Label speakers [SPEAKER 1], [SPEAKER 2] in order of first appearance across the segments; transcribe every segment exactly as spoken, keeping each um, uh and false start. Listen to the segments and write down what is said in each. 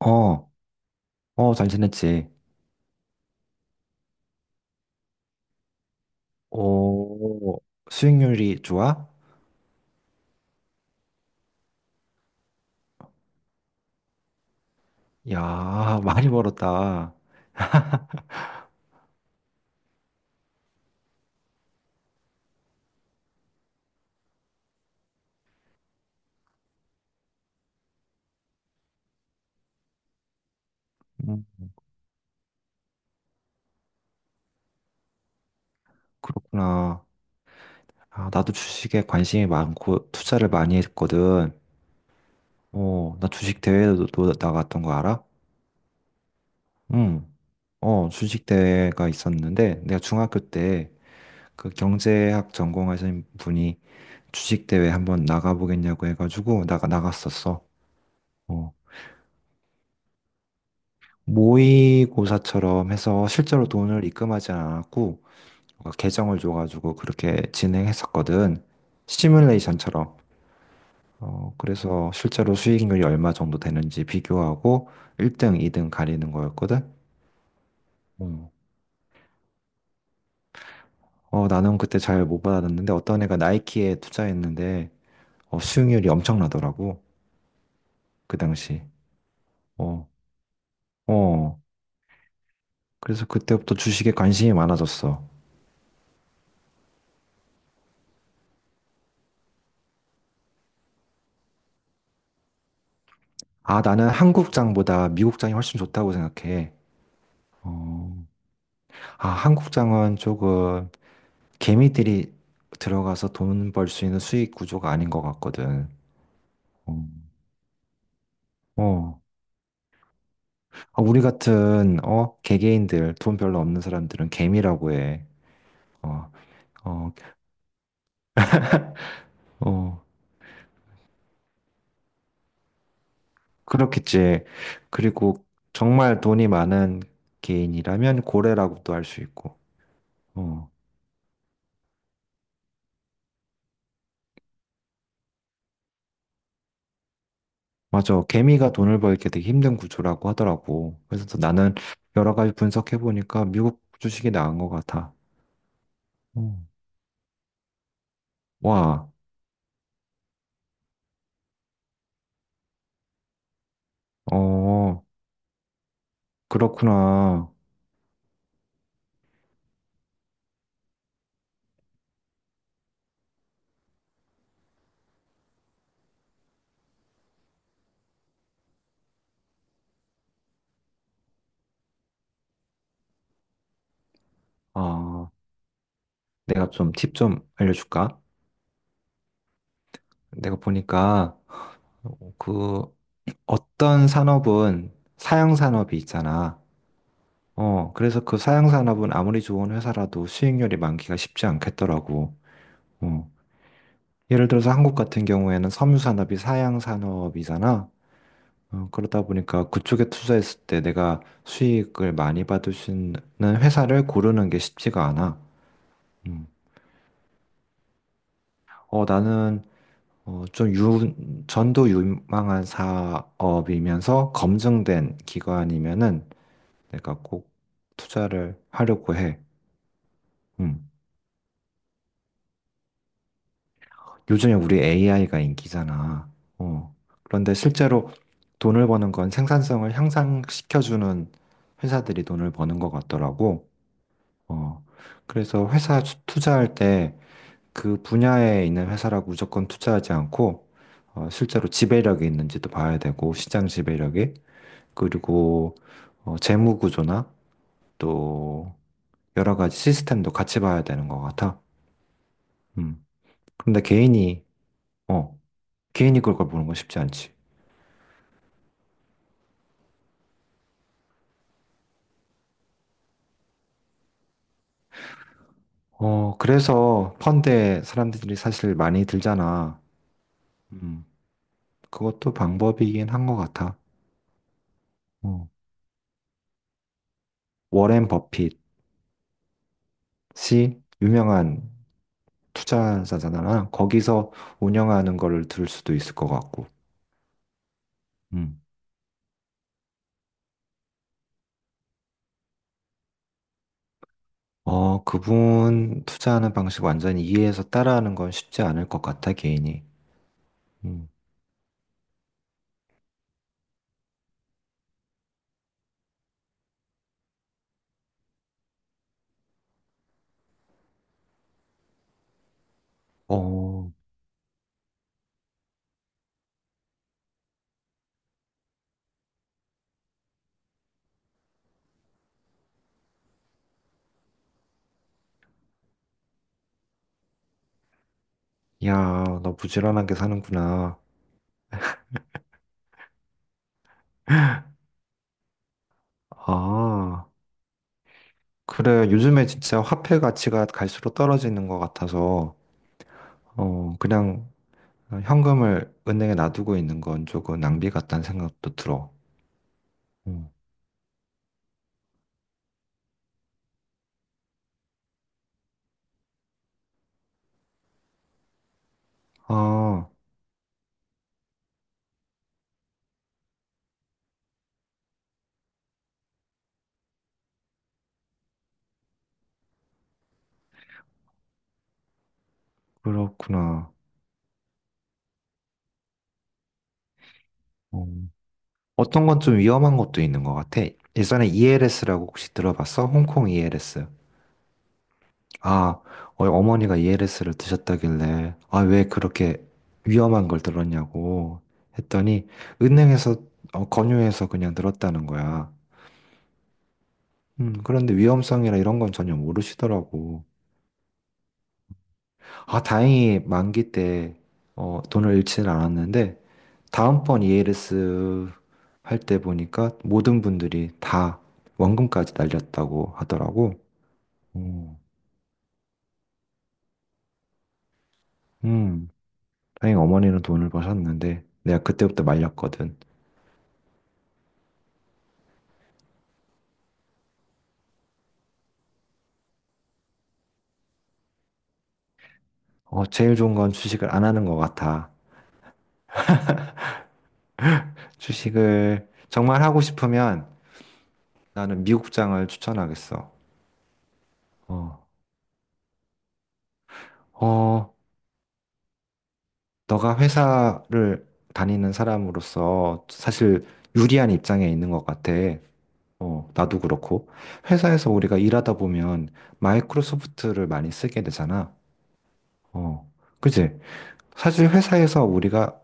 [SPEAKER 1] 어, 어, 잘 지냈지? 오, 수익률이 좋아? 야, 많이 벌었다. 음, 그렇구나. 아, 나도 주식에 관심이 많고 투자를 많이 했거든. 어, 나 주식 대회도 나갔던 거 알아? 응. 어, 주식 대회가 있었는데 내가 중학교 때 그 경제학 전공하신 분이 주식 대회 한번 나가보겠냐고 해가지고 나가 나갔었어. 어. 모의고사처럼 해서 실제로 돈을 입금하지 않았고 가 계정을 줘가지고 그렇게 진행했었거든. 시뮬레이션처럼. 어, 그래서 실제로 수익률이 얼마 정도 되는지 비교하고 일 등, 이 등 가리는 거였거든. 음. 어, 나는 그때 잘 못 받았는데 어떤 애가 나이키에 투자했는데 어, 수익률이 엄청나더라고. 그 당시. 어, 어. 그래서 그때부터 주식에 관심이 많아졌어. 아, 나는 한국장보다 미국장이 훨씬 좋다고 생각해. 어, 아, 한국장은 조금 개미들이 들어가서 돈 벌 수 있는 수익 구조가 아닌 것 같거든. 어. 어. 아, 우리 같은 어 개개인들 돈 별로 없는 사람들은 개미라고 해. 어, 어, 어, 그렇겠지. 그리고 정말 돈이 많은 개인이라면 고래라고도 할 수 있고. 어, 맞아. 개미가 돈을 벌게 되게 힘든 구조라고 하더라고. 그래서 또 나는 여러 가지 분석해 보니까 미국 주식이 나은 것 같아. 어. 와. 어, 그렇구나. 아, 내가 좀 팁 좀 알려줄까? 내가 보니까 그 어떤 산업은 사양 산업이 있잖아. 어, 그래서 그 사양 산업은 아무리 좋은 회사라도 수익률이 많기가 쉽지 않겠더라고. 어, 예를 들어서 한국 같은 경우에는 섬유 산업이 사양 산업이잖아. 어, 그러다 보니까 그쪽에 투자했을 때 내가 수익을 많이 받을 수 있는 회사를 고르는 게 쉽지가 않아. 음. 어, 나는 어, 좀 유, 전도 유망한 사업이면서 검증된 기관이면은 내가 꼭 투자를 하려고 해. 음. 요즘에 우리 에이아이가 인기잖아. 어. 그런데 실제로 돈을 버는 건 생산성을 향상시켜주는 회사들이 돈을 버는 것 같더라고. 어. 그래서 회사 투- 투자할 때 그 분야에 있는 회사라고 무조건 투자하지 않고 어, 실제로 지배력이 있는지도 봐야 되고 시장 지배력이 그리고 어, 재무 구조나 또 여러 가지 시스템도 같이 봐야 되는 것 같아. 음. 근데 개인이, 어, 개인이 그걸 보는 건 쉽지 않지. 어, 그래서 펀드에 사람들이 사실 많이 들잖아. 음, 그것도 방법이긴 한 것 같아. 어. 워렌 버핏이 유명한 투자자잖아. 거기서 운영하는 거를 들 수도 있을 것 같고. 음. 어, 그분 투자하는 방식 완전히 이해해서 따라하는 건 쉽지 않을 것 같아, 개인이. 음. 어, 야, 너 부지런하게 사는구나. 아, 그래. 요즘에 진짜 화폐 가치가 갈수록 떨어지는 것 같아서, 어, 그냥 현금을 은행에 놔두고 있는 건 조금 낭비 같다는 생각도 들어. 음. 아, 그렇구나. 어. 어떤 건 좀 위험한 것도 있는 것 같아. 예전에 이엘에스라고 혹시 들어봤어? 홍콩 이엘에스. 아, 어, 어머니가 이엘에스를 드셨다길래, 아, 왜 그렇게 위험한 걸 들었냐고 했더니, 은행에서, 어, 권유해서 그냥 들었다는 거야. 음, 그런데 위험성이나 이런 건 전혀 모르시더라고. 아, 다행히 만기 때, 어, 돈을 잃지는 않았는데, 다음번 이엘에스 할 때 보니까 모든 분들이 다 원금까지 날렸다고 하더라고. 음, 음, 다행히 어머니는 돈을 버셨는데, 내가 그때부터 말렸거든. 어, 제일 좋은 건 주식을 안 하는 것 같아. 주식을 정말 하고 싶으면 나는 미국장을 추천하겠어. 어, 어, 너가 회사를 다니는 사람으로서 사실 유리한 입장에 있는 것 같아. 어, 나도 그렇고. 회사에서 우리가 일하다 보면 마이크로소프트를 많이 쓰게 되잖아. 어, 그지? 사실 회사에서 우리가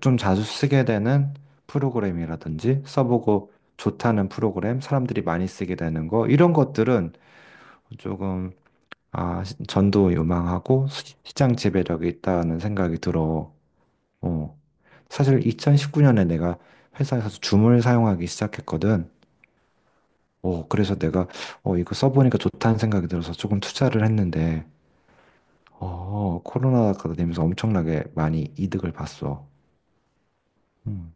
[SPEAKER 1] 좀 자주 쓰게 되는 프로그램이라든지 써보고 좋다는 프로그램, 사람들이 많이 쓰게 되는 거, 이런 것들은 조금 아, 시- 전도유망하고 시- 시장 지배력이 있다는 생각이 들어. 어. 사실 이천십구 년에 내가 회사에서 줌을 사용하기 시작했거든. 어, 그래서 내가 어, 이거 써보니까 좋다는 생각이 들어서 조금 투자를 했는데, 어, 코로나가 되면서 엄청나게 많이 이득을 봤어. 음.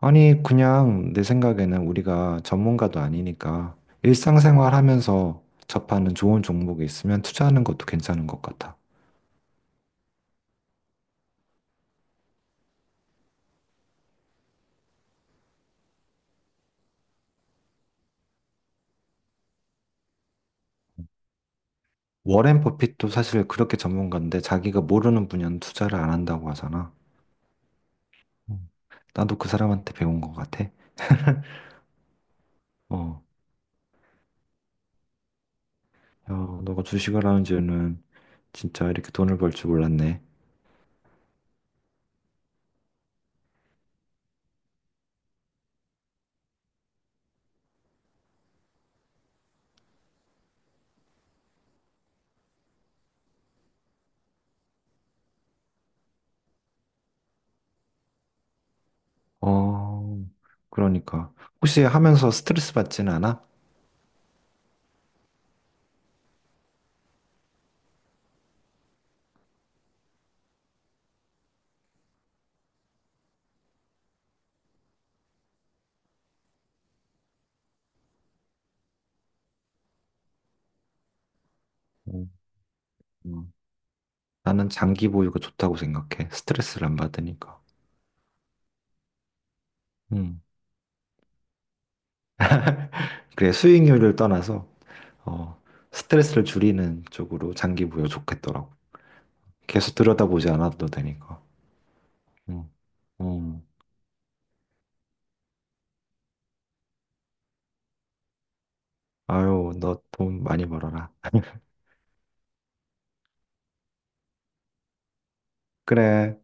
[SPEAKER 1] 아니, 그냥 내 생각에는 우리가 전문가도 아니니까 일상생활 하면서 접하는 좋은 종목이 있으면 투자하는 것도 괜찮은 것 같아. 워렌 버핏도 사실 그렇게 전문가인데 자기가 모르는 분야는 투자를 안 한다고 하잖아. 음. 나도 그 사람한테 배운 것 같아. 어, 야, 너가 주식을 하는 줄은 진짜 이렇게 돈을 벌 줄 몰랐네. 어, 그러니까. 혹시 하면서 스트레스 받지는 않아? 음. 음. 나는 장기 보유가 좋다고 생각해. 스트레스를 안 받으니까. 음. 그래, 수익률을 떠나서 어, 스트레스를 줄이는 쪽으로 장기 보유 좋겠더라고. 계속 들여다보지 않아도 되니까. 음. 음. 아유, 너 돈 많이 벌어라. 그래.